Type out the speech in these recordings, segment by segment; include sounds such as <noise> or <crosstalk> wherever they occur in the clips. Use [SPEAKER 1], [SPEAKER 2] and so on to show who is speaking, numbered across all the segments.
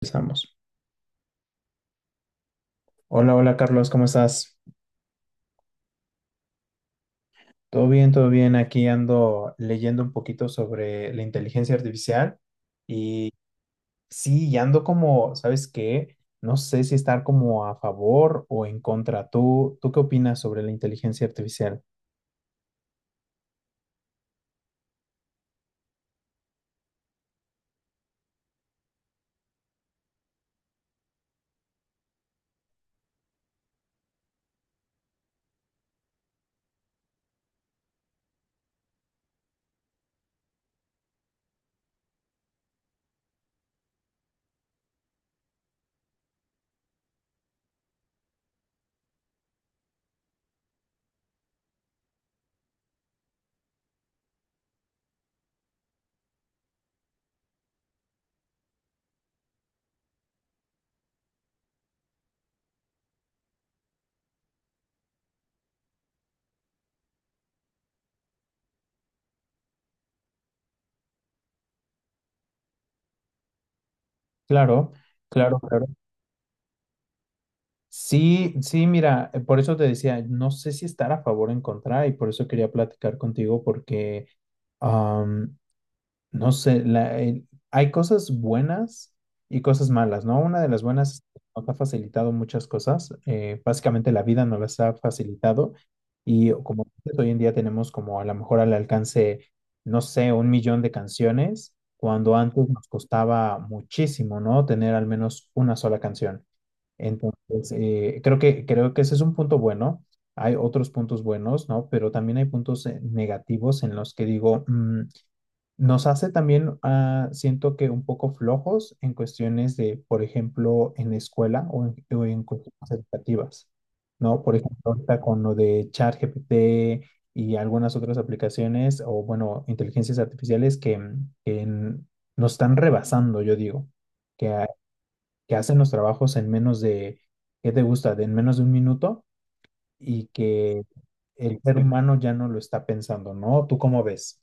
[SPEAKER 1] Empezamos. Hola, hola Carlos, ¿cómo estás? Todo bien, todo bien. Aquí ando leyendo un poquito sobre la inteligencia artificial y sí, y ando como, ¿sabes qué? No sé si estar como a favor o en contra. ¿Tú qué opinas sobre la inteligencia artificial? Claro, claro, claro. Sí, sí, mira, por eso te decía, no sé si estar a favor o en contra y por eso quería platicar contigo porque... No sé, hay cosas buenas y cosas malas, ¿no? Una de las buenas es que nos ha facilitado muchas cosas, básicamente la vida nos las ha facilitado y como dices, hoy en día tenemos como a lo mejor al alcance, no sé, un millón de canciones, cuando antes nos costaba muchísimo, ¿no? Tener al menos una sola canción. Entonces, creo que ese es un punto bueno. Hay otros puntos buenos, ¿no? Pero también hay puntos negativos en los que digo, nos hace también, siento que un poco flojos en cuestiones de, por ejemplo, en la escuela o en cuestiones educativas, ¿no? Por ejemplo, ahorita con lo de ChatGPT y algunas otras aplicaciones o, bueno, inteligencias artificiales que nos están rebasando, yo digo, que hacen los trabajos en menos de, ¿qué te gusta? De en menos de un minuto y que el ser humano ya no lo está pensando, ¿no? ¿Tú cómo ves?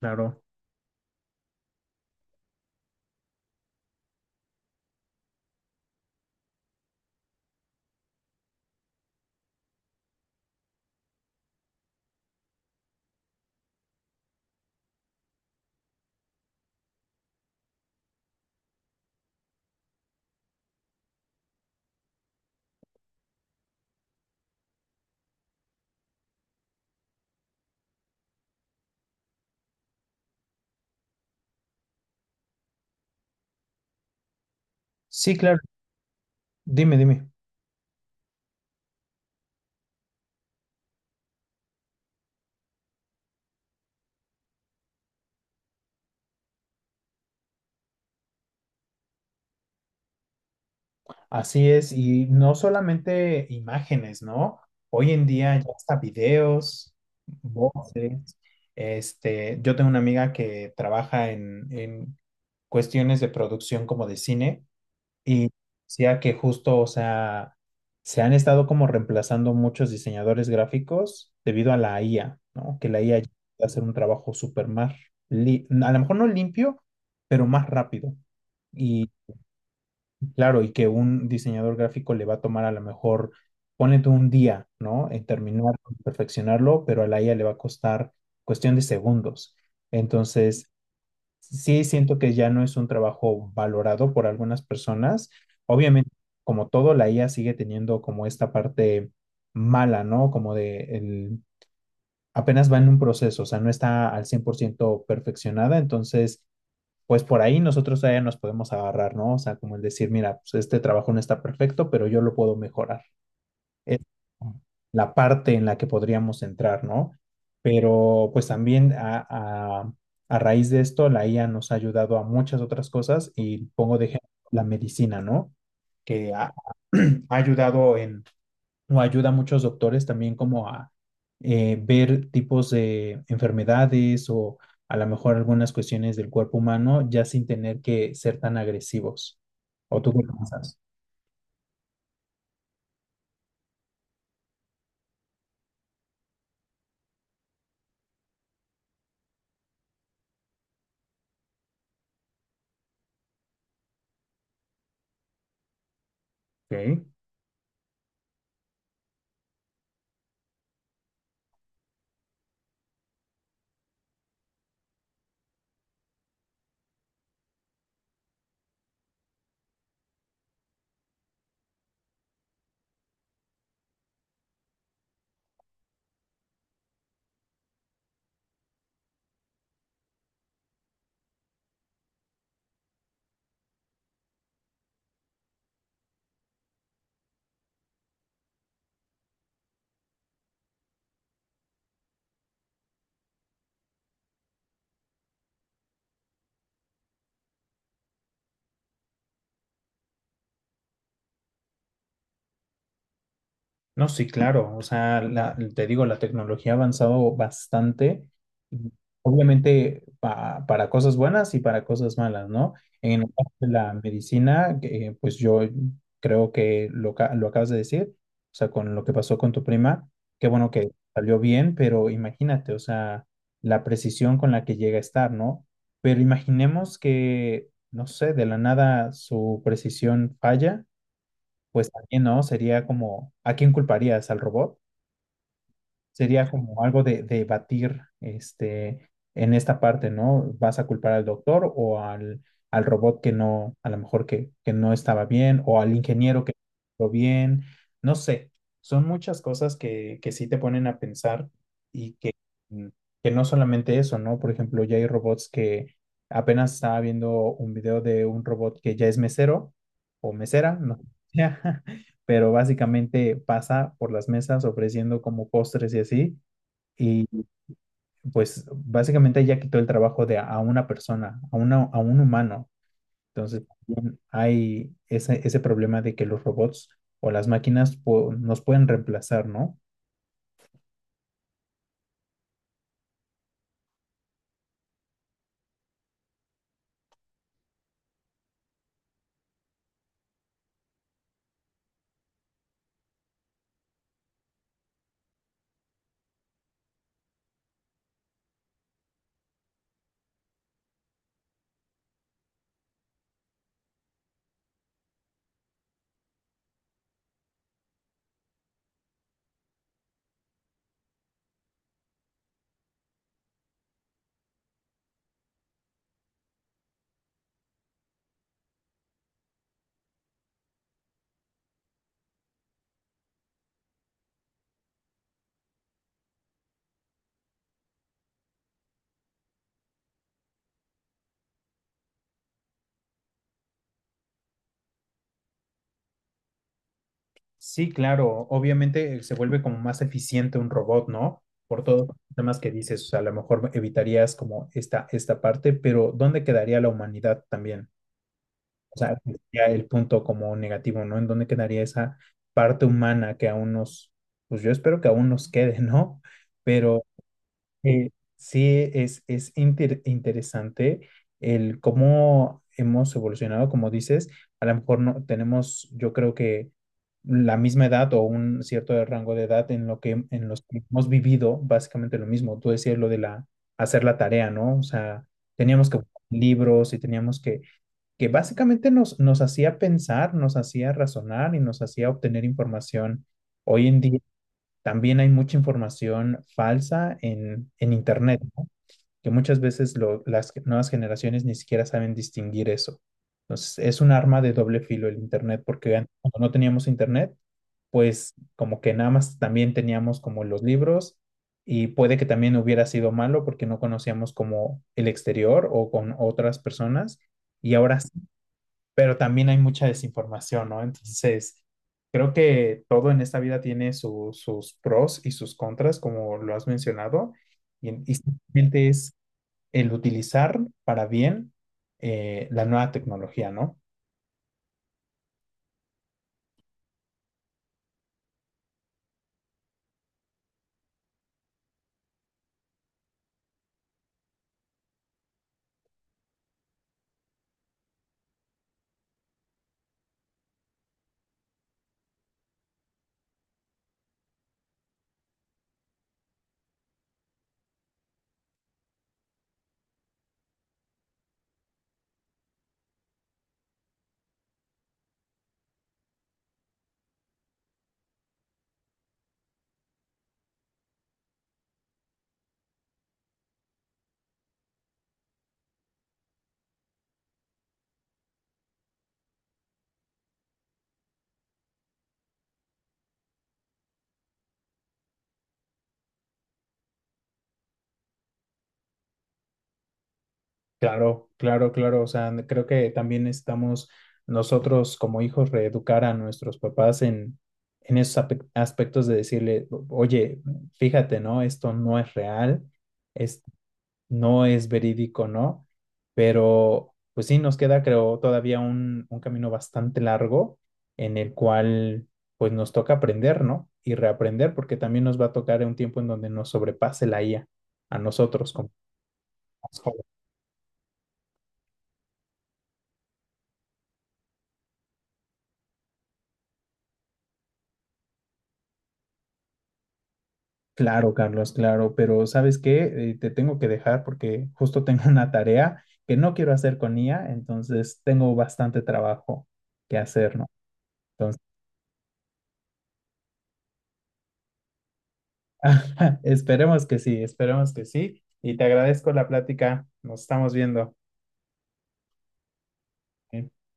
[SPEAKER 1] Claro. Sí, claro. Dime, dime. Así es, y no solamente imágenes, ¿no? Hoy en día ya hasta videos, voces. Este, yo tengo una amiga que trabaja en cuestiones de producción como de cine y decía que justo, o sea, se han estado como reemplazando muchos diseñadores gráficos debido a la IA, ¿no? Que la IA ya puede hacer un trabajo súper más, a lo mejor no limpio, pero más rápido. Y claro, y que un diseñador gráfico le va a tomar a lo mejor, ponete un día, ¿no? En terminar, perfeccionarlo, pero a la IA le va a costar cuestión de segundos. Entonces, sí siento que ya no es un trabajo valorado por algunas personas. Obviamente, como todo, la IA sigue teniendo como esta parte mala, ¿no? Como de el, apenas va en un proceso, o sea, no está al 100% perfeccionada, entonces pues por ahí nosotros todavía nos podemos agarrar, ¿no? O sea, como el decir, mira, pues este trabajo no está perfecto, pero yo lo puedo mejorar. Es la parte en la que podríamos entrar, ¿no? Pero pues también a raíz de esto, la IA nos ha ayudado a muchas otras cosas y pongo de ejemplo la medicina, ¿no? Que ha, <clears throat> ha ayudado en o ayuda a muchos doctores también como a ver tipos de enfermedades o a lo mejor algunas cuestiones del cuerpo humano ya sin tener que ser tan agresivos. ¿O tú qué piensas? Ok. No, sí, claro. O sea, te digo, la tecnología ha avanzado bastante, obviamente para cosas buenas y para cosas malas, ¿no? En la parte de la medicina, que, pues yo creo que lo acabas de decir, o sea, con lo que pasó con tu prima, qué bueno que salió bien, pero imagínate, o sea, la precisión con la que llega a estar, ¿no? Pero imaginemos que, no sé, de la nada su precisión falla pues también, ¿no? Sería como, ¿a quién culparías? ¿Al robot? Sería como algo de debatir, este, en esta parte, ¿no? ¿Vas a culpar al doctor o al robot que no, a lo mejor que no estaba bien, o al ingeniero que no estuvo bien? No sé, son muchas cosas que sí te ponen a pensar y mm, que no solamente eso, ¿no? Por ejemplo, ya hay robots que apenas estaba viendo un video de un robot que ya es mesero o mesera, ¿no? <laughs> Pero básicamente pasa por las mesas ofreciendo como postres y así, y pues básicamente ya quitó el trabajo de a una persona, a, una, a un humano. Entonces también hay ese problema de que los robots o las máquinas nos pueden reemplazar, ¿no? Sí, claro, obviamente se vuelve como más eficiente un robot, ¿no? Por todos los temas que dices, o sea, a lo mejor evitarías como esta parte, pero ¿dónde quedaría la humanidad también? O sea, ese sería el punto como negativo, ¿no? ¿En dónde quedaría esa parte humana que aún nos, pues yo espero que aún nos quede, ¿no? Pero eh, sí es interesante el cómo hemos evolucionado, como dices, a lo mejor no tenemos, yo creo que la misma edad o un cierto rango de edad en lo que en los que hemos vivido básicamente lo mismo. Tú decías lo de la hacer la tarea, ¿no? O sea, teníamos que buscar libros y teníamos que básicamente nos, nos hacía pensar, nos hacía razonar y nos hacía obtener información. Hoy en día también hay mucha información falsa en Internet, ¿no? Que muchas veces las nuevas generaciones ni siquiera saben distinguir eso. Entonces, es un arma de doble filo el Internet, porque cuando no teníamos Internet, pues como que nada más también teníamos como los libros y puede que también hubiera sido malo porque no conocíamos como el exterior o con otras personas. Y ahora pero también hay mucha desinformación, ¿no? Entonces, creo que todo en esta vida tiene sus pros y sus contras, como lo has mencionado, y simplemente es el utilizar para bien la nueva tecnología, ¿no? Claro, claro, claro, o sea, creo que también necesitamos nosotros como hijos reeducar a nuestros papás en esos aspectos de decirle, oye, fíjate, ¿no? Esto no es real, no es verídico, ¿no? Pero pues sí, nos queda, creo, todavía un camino bastante largo en el cual pues nos toca aprender, ¿no? Y reaprender, porque también nos va a tocar en un tiempo en donde nos sobrepase la IA a nosotros como más jóvenes. Claro, Carlos, claro, pero ¿sabes qué? Te tengo que dejar porque justo tengo <laughs> una tarea que no quiero hacer con IA, entonces tengo bastante trabajo que hacer, ¿no? Entonces, <laughs> esperemos que sí, esperemos que sí. Y te agradezco la plática. Nos estamos viendo. Ok.